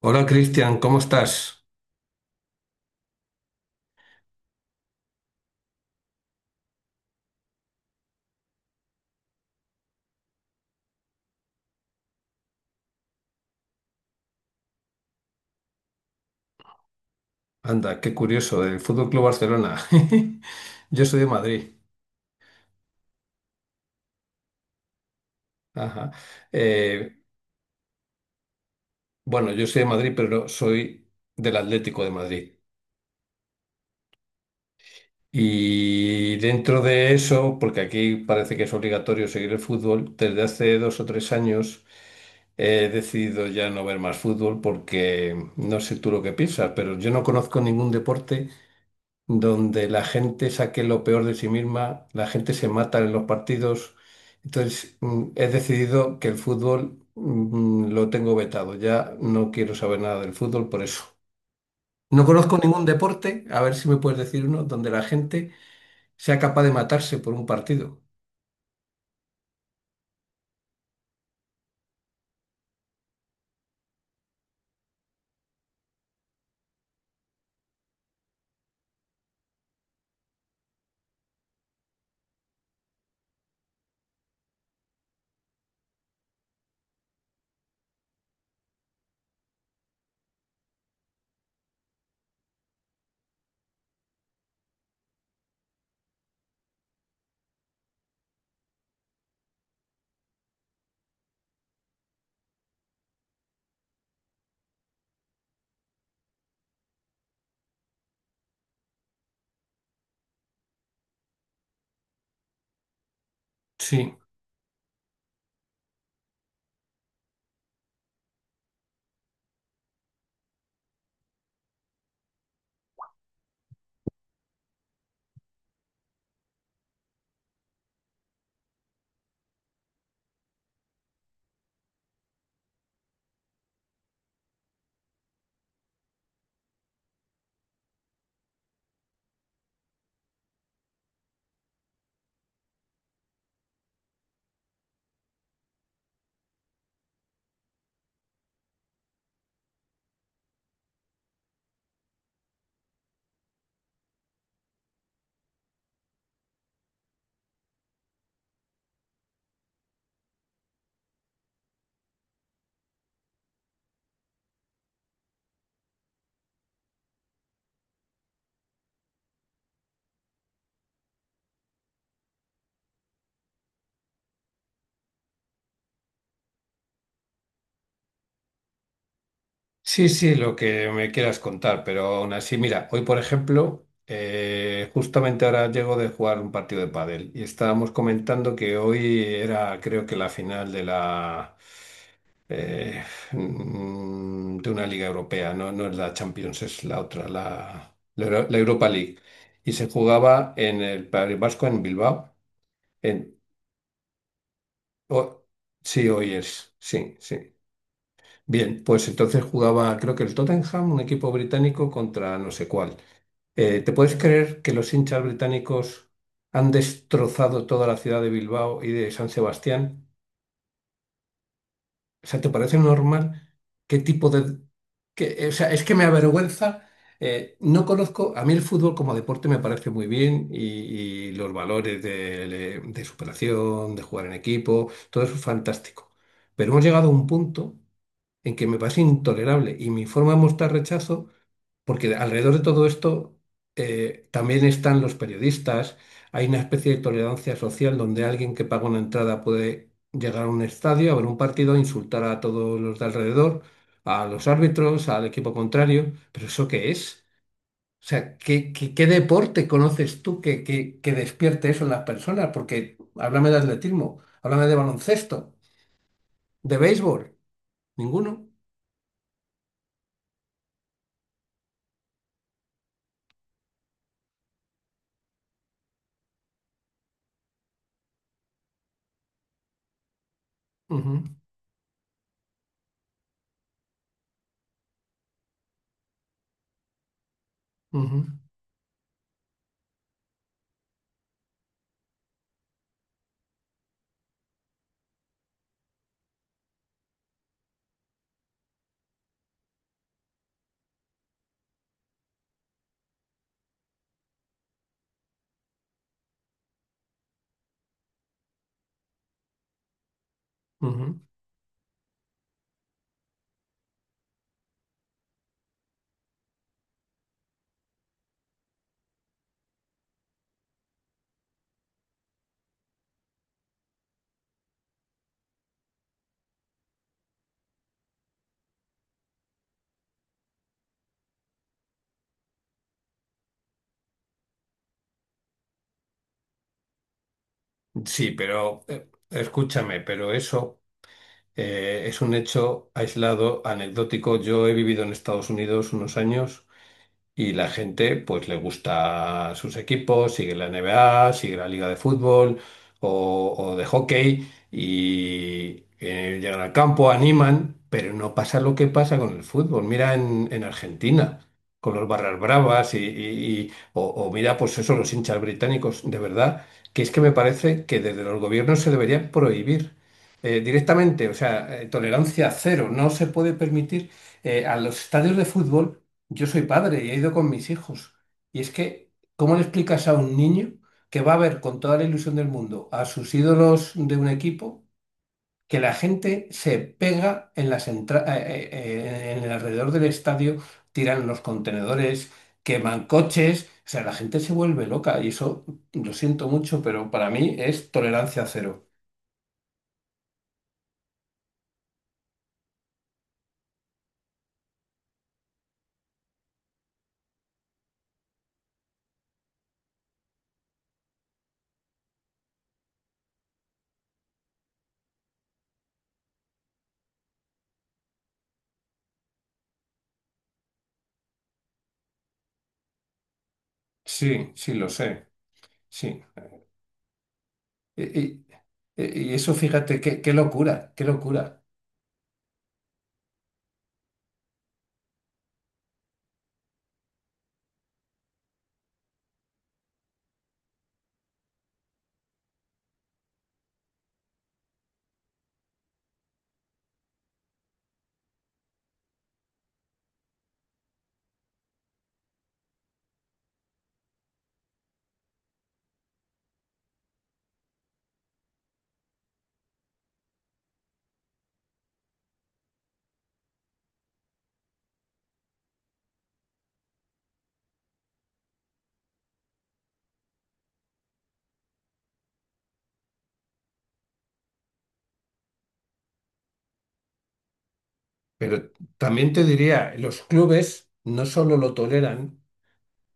Hola Cristian, ¿cómo estás? Anda, qué curioso, del Fútbol Club Barcelona. Yo soy de Madrid. Ajá. Eh, bueno, yo soy de Madrid, pero no, soy del Atlético de Madrid. Y dentro de eso, porque aquí parece que es obligatorio seguir el fútbol, desde hace dos o tres años he decidido ya no ver más fútbol porque no sé tú lo que piensas, pero yo no conozco ningún deporte donde la gente saque lo peor de sí misma, la gente se mata en los partidos. Entonces, he decidido que el fútbol lo tengo vetado. Ya no quiero saber nada del fútbol por eso. No conozco ningún deporte, a ver si me puedes decir uno, donde la gente sea capaz de matarse por un partido. Sí. Sí, sí, lo que me quieras contar, pero aún así, mira, hoy por ejemplo, justamente ahora llego de jugar un partido de pádel y estábamos comentando que hoy era, creo que la final de la eh, de una liga europea, no, no es la Champions, es la otra, la Europa League y se jugaba en el País Vasco en Bilbao. En, o- sí, hoy es, sí, sí. Bien, pues entonces jugaba, creo que el Tottenham, un equipo británico, contra no sé cuál. ¿Te puedes creer que los hinchas británicos han destrozado toda la ciudad de Bilbao y de San Sebastián? O sea, ¿te parece normal? ¿Qué tipo de...? O sea, es que me avergüenza. No conozco, a mí el fútbol como deporte me parece muy bien y los valores de superación, de jugar en equipo, todo eso es fantástico. Pero hemos llegado a un punto en que me parece intolerable y mi forma de mostrar rechazo porque alrededor de todo esto también están los periodistas. Hay una especie de tolerancia social donde alguien que paga una entrada puede llegar a un estadio, a ver un partido, insultar a todos los de alrededor, a los árbitros, al equipo contrario. ¿Pero eso qué es? O sea, ¿qué deporte conoces tú que despierte eso en las personas? Porque háblame de atletismo, háblame de baloncesto, de béisbol. Ninguno. Ujú, ujú, ujú. Sí, pero escúchame, pero eso es un hecho aislado, anecdótico. Yo he vivido en Estados Unidos unos años. Y la gente, pues, le gusta sus equipos, sigue la NBA, sigue la liga de fútbol o de hockey y llegan al campo, animan, pero no pasa lo que pasa con el fútbol. Mira en Argentina, con los barras bravas y o mira, pues eso, los hinchas británicos, de verdad, que es que me parece que desde los gobiernos se debería prohibir directamente, o sea, tolerancia cero, no se puede permitir a los estadios de fútbol, yo soy padre y he ido con mis hijos. Y es que, ¿cómo le explicas a un niño que va a ver con toda la ilusión del mundo a sus ídolos de un equipo que la gente se pega en en el alrededor del estadio, tiran los contenedores, queman coches? O sea, la gente se vuelve loca y eso lo siento mucho, pero para mí es tolerancia cero. Sí, sí, lo sé, sí. Y, y- y eso, fíjate, qué locura, qué locura. Pero también te diría, los clubes no solo lo toleran,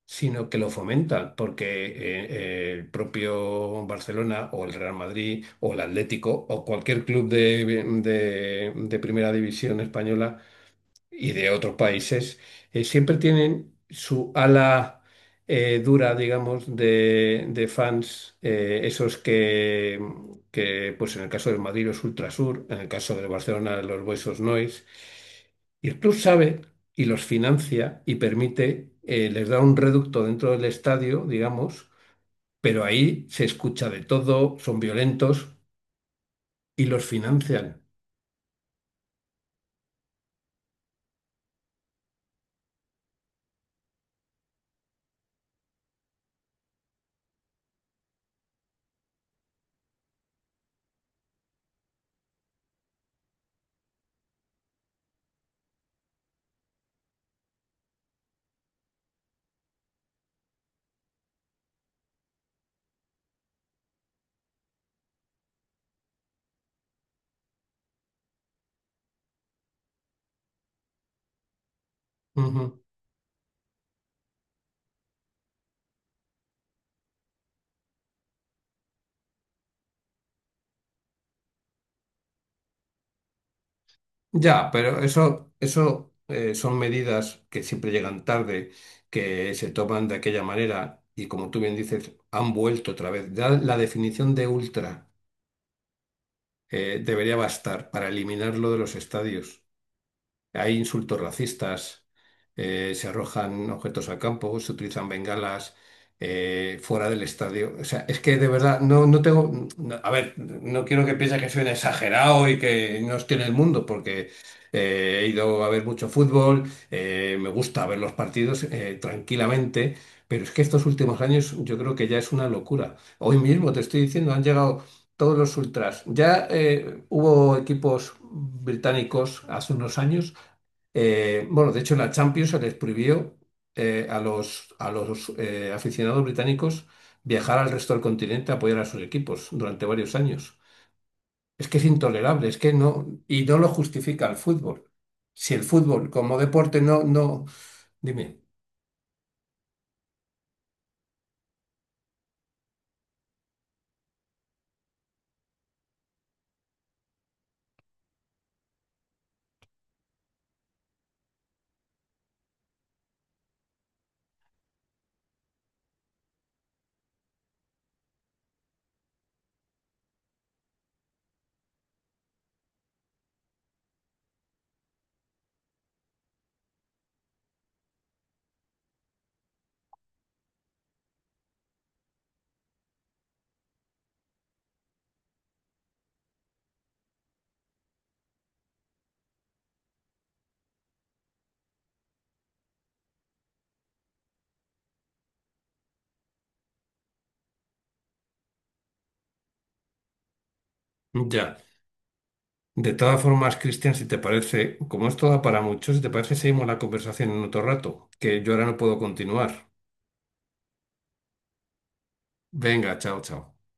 sino que lo fomentan, porque el propio Barcelona o el Real Madrid o el Atlético o cualquier club de primera división española y de otros países, siempre tienen su ala dura, digamos, de fans, esos pues en el caso del Madrid los Ultrasur, en el caso del Barcelona los Boys Nois, y el club sabe y los financia y permite, les da un reducto dentro del estadio, digamos, pero ahí se escucha de todo, son violentos y los financian. Ya, pero eso, son medidas que siempre llegan tarde, que se toman de aquella manera y como tú bien dices, han vuelto otra vez. Ya la definición de ultra debería bastar para eliminarlo de los estadios. Hay insultos racistas, se arrojan objetos al campo, se utilizan bengalas fuera del estadio. O sea, es que de verdad no, no tengo. A ver, no quiero que piense que soy un exagerado y que no estoy en el mundo, porque he ido a ver mucho fútbol, me gusta ver los partidos tranquilamente, pero es que estos últimos años yo creo que ya es una locura. Hoy mismo te estoy diciendo, han llegado todos los ultras. Ya hubo equipos británicos hace unos años bueno, de hecho, en la Champions se les prohibió a los aficionados británicos viajar al resto del continente a apoyar a sus equipos durante varios años. Es que es intolerable, es que no, y no lo justifica el fútbol. Si el fútbol como deporte no, no, dime. Ya. De todas formas, Cristian, si te parece, como esto da para mucho, si te parece, seguimos la conversación en otro rato, que yo ahora no puedo continuar. Venga, chao, chao.